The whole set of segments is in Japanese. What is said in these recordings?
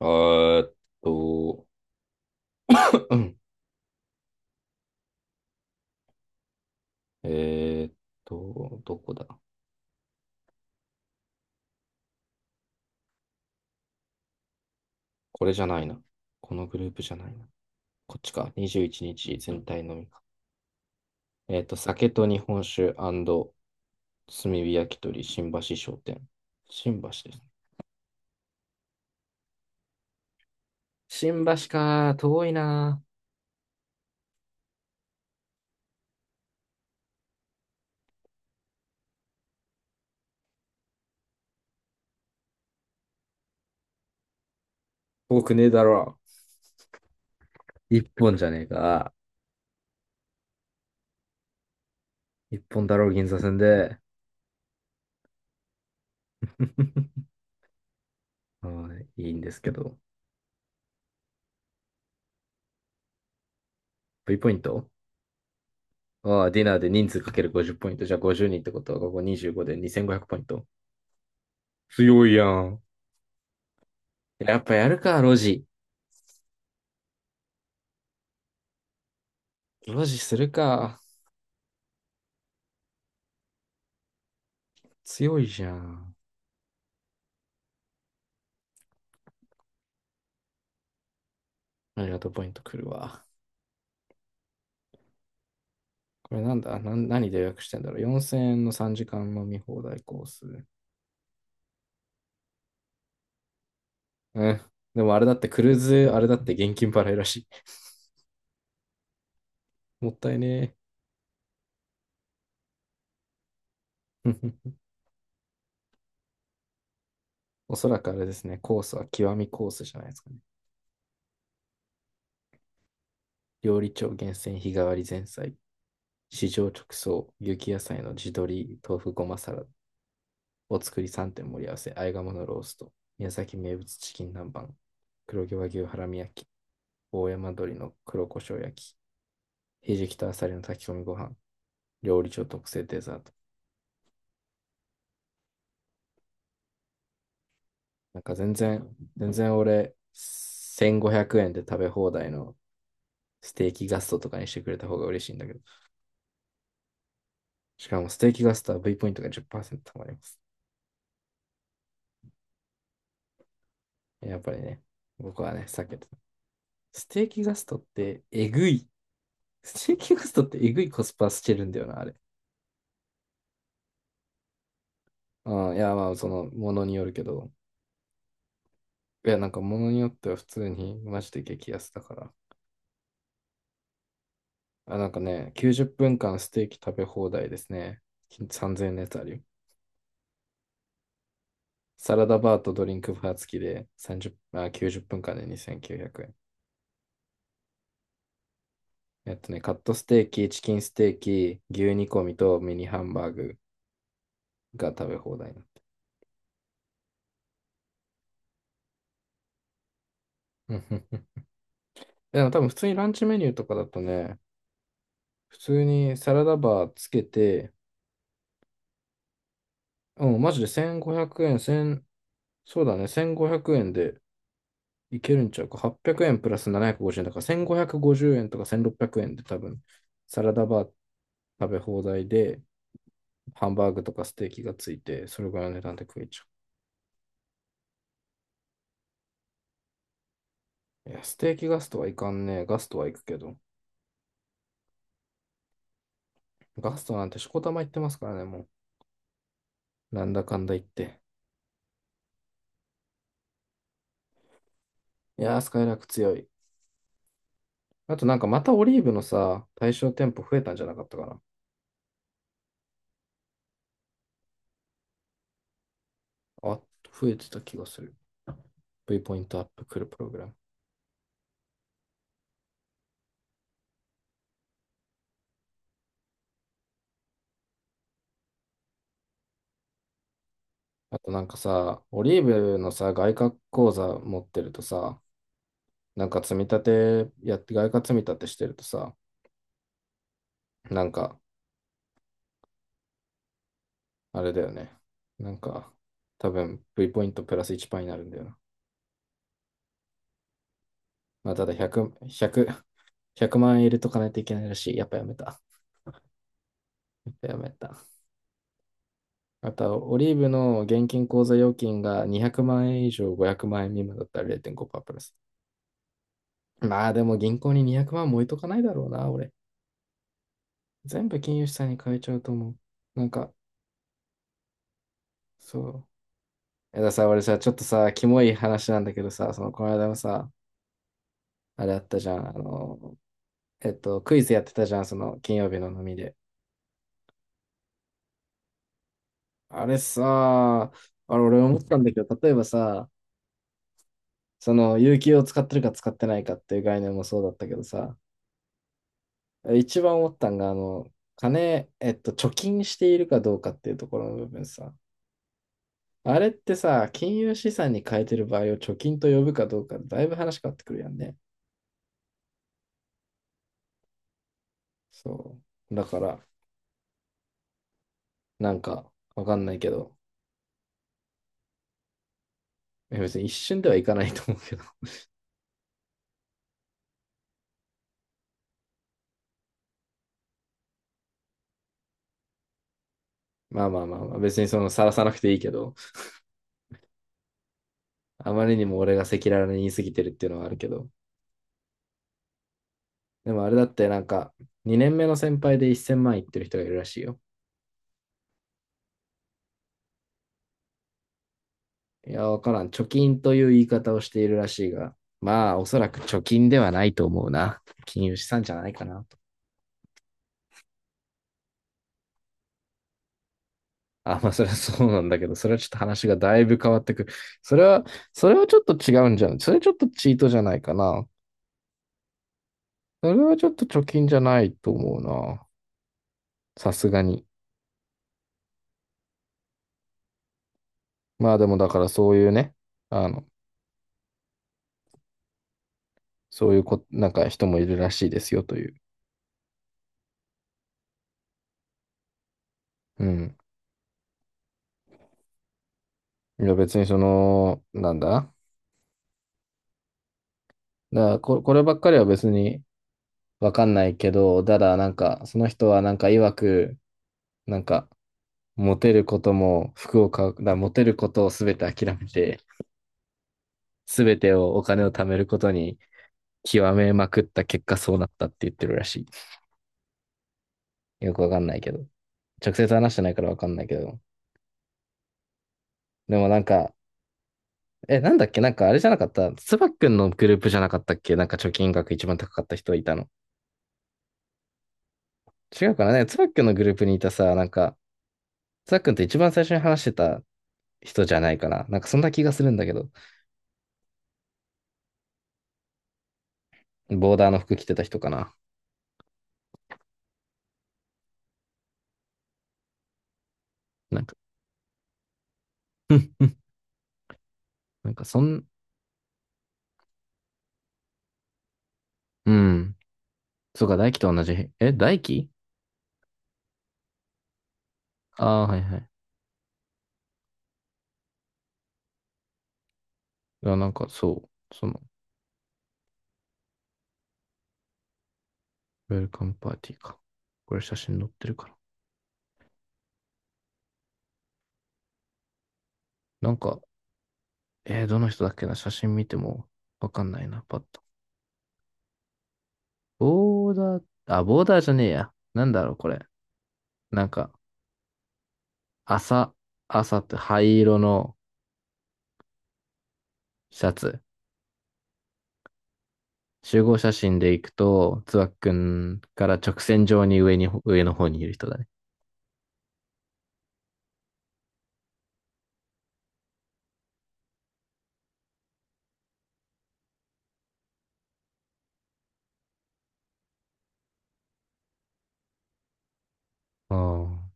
あーっと、えーっどこだ。これじゃないな。このグループじゃないな。こっちか。21日全体のみか。酒と日本酒炭火焼き鳥新橋商店。新橋ですね。新橋か。遠いな。遠くねえだろ。一本じゃねえか。一本だろう、銀座線で。はいいいんですけど。V ポイント。ああ、ディナーで人数かける50ポイント。じゃあ50人ってことは、ここ25で2500ポイント。強いやん。やっぱやるか、ロジ。ロジするか。強いじゃん。ありがとう、ポイント来るわ。これなんだな。何で予約してんだろう ?4000 円の3時間飲み放題コース。うん。でもあれだってクルーズ、あれだって現金払いらしい。もったいねえ。おそらくあれですね、コースは極みコースじゃないですかね。料理長厳選日替わり前菜、市場直送、雪野菜の地鶏、豆腐ごまサラダ、お作り3点盛り合わせ、あえ鴨のロースト、宮崎名物チキン南蛮、黒毛和牛ハラミ焼き、大山鶏の黒胡椒焼き、ひじきとあさりの炊き込みご飯、料理長特製デザート。なんか全然俺、1500円で食べ放題のステーキガストとかにしてくれた方が嬉しいんだけど、しかもステーキガストは V ポイントが10%貯まります。やっぱりね、僕はね、避けてた。ステーキガストってえぐい。ステーキガストってえぐいコスパしてるんだよな、あれ。うん、いや、まあ、その、ものによるけど。いや、なんか、ものによっては普通に、マジで激安だから。あ、なんかね、90分間ステーキ食べ放題ですね。3000円のやつあるよ。サラダバーとドリンクバー付きで30、あ、90分間で2900円。カットステーキ、チキンステーキ、牛煮込みとミニハンバーグが食べ放題になって。うんうんうん。でも多分普通にランチメニューとかだとね、普通にサラダバーつけて、うん、マジで1500円、1そうだね、1500円でいけるんちゃうか。800円プラス750円だから、1550円とか1600円で多分、サラダバー食べ放題で、ハンバーグとかステーキがついて、それぐらいの値段で食えちゃう。いや、ステーキガストはいかんねえ。ガストは行くけど。ガストなんてしこたま行ってますからね、もう。なんだかんだ言って。いやー、スカイラーク強い。あとなんかまたオリーブのさ、対象店舗増えたんじゃなかったかな。あ、増えてた気がする。V ポイントアップ来るプログラム。あとなんかさ、オリーブのさ、外貨口座持ってるとさ、なんか積み立てやって、外貨積み立てしてるとさ、なんか、あれだよね。なんか、多分 V ポイントプラス1パーになるんだよな。まあ、ただ100万円入れとかないといけないらしい。やっぱやめた。やっぱやめた。あとは、オリーブの現金口座預金が200万円以上500万円未満だったら0.5%プラス。まあでも銀行に200万も置いとかないだろうな、俺。全部金融資産に変えちゃうと思う。なんか、そう。やださ、俺さ、ちょっとさ、キモい話なんだけどさ、その、この間もさ、あれあったじゃん、あの、クイズやってたじゃん、その、金曜日の飲みで。あれさ、あれ、俺思ったんだけど、例えばさ、その、有給を使ってるか使ってないかっていう概念もそうだったけどさ、一番思ったんが、あの、金、えっと、貯金しているかどうかっていうところの部分さ、あれってさ、金融資産に変えてる場合を貯金と呼ぶかどうかで、だいぶ話変わってくるやんね。そう。だから、なんか、わかんないけど、別に一瞬ではいかないと思うけど。まあまあまあまあ、別にその晒さなくていいけど、あまりにも俺が赤裸々に言い過ぎてるっていうのはあるけど。でもあれだってなんか、2年目の先輩で1000万いってる人がいるらしいよ。いや、わからん。貯金という言い方をしているらしいが、まあ、おそらく貯金ではないと思うな。金融資産じゃないかなと。あ、まあ、それはそうなんだけど、それはちょっと話がだいぶ変わってくる。それは、それはちょっと違うんじゃん。それちょっとチートじゃないかな。それはちょっと貯金じゃないと思うな。さすがに。まあでもだからそういうね、あの、そういうこ、なんか人もいるらしいですよという。うん。いや別にその、なんだだからこればっかりは別にわかんないけど、ただなんか、その人はなんか曰く、なんか、モテることも服を買う、だからモテることを全て諦めて、全てをお金を貯めることに極めまくった結果そうなったって言ってるらしい。よくわかんないけど。直接話してないからわかんないけど。でもなんか、え、なんだっけ。なんかあれじゃなかった、つばっくんのグループじゃなかったっけ。なんか貯金額一番高かった人いたの。違うかなね。つばっくんのグループにいたさ、なんか、つばっくんって一番最初に話してた人じゃないかな。なんかそんな気がするんだけど、ボーダーの服着てた人かな。なんか、なんかそん、うん。そうか、大輝と同じ。え、大輝。ああー、はいはい。いや、なんかそう、その、ウェルカムパーティーか。これ写真載ってるから。なんか、どの人だっけな。写真見てもわかんないな、パッと。ボーダー、あ、ボーダーじゃねえや。なんだろう、これ。なんか、朝、朝って灰色のシャツ。集合写真で行くと、つばっくんから直線上に上に、上の方にいる人だね。ああ。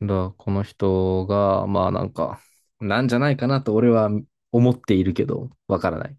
だからこの人が、まあなんか、なんじゃないかなと俺は思っているけど、わからない。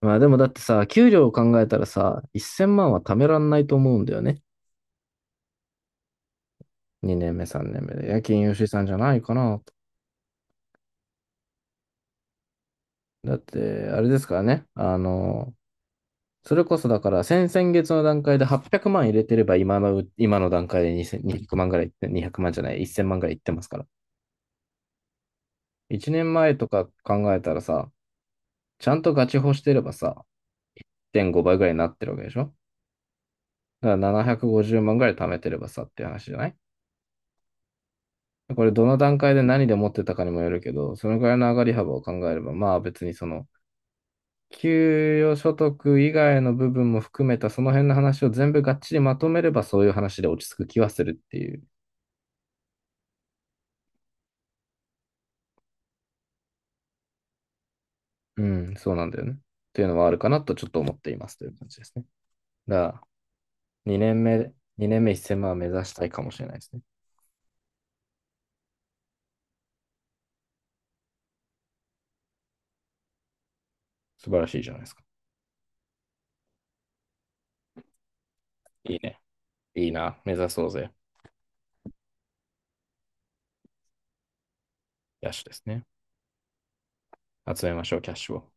まあでもだってさ、給料を考えたらさ、1000万は貯めらんないと思うんだよね。2年目、3年目で。夜勤吉井さんじゃないかな。だって、あれですからね。あの、それこそだから、先々月の段階で800万入れてれば、今の段階で2000万ぐらいいって、200万じゃない、1000万ぐらいいってますから。1年前とか考えたらさ、ちゃんとガチホしてればさ、1.5倍ぐらいになってるわけでしょ。だから750万ぐらい貯めてればさっていう話じゃない？これどの段階で何で持ってたかにもよるけど、そのぐらいの上がり幅を考えれば、まあ別にその、給与所得以外の部分も含めたその辺の話を全部がっちりまとめればそういう話で落ち着く気はするっていう。うん、そうなんだよね。っていうのはあるかなとちょっと思っていますという感じですね。だから、2年目、2年目1000万目指したいかもしれないですね。素晴らしいじゃないですか。いいね。いいな。目指そうぜ。キャッシュですね。集めましょう、キャッシュを。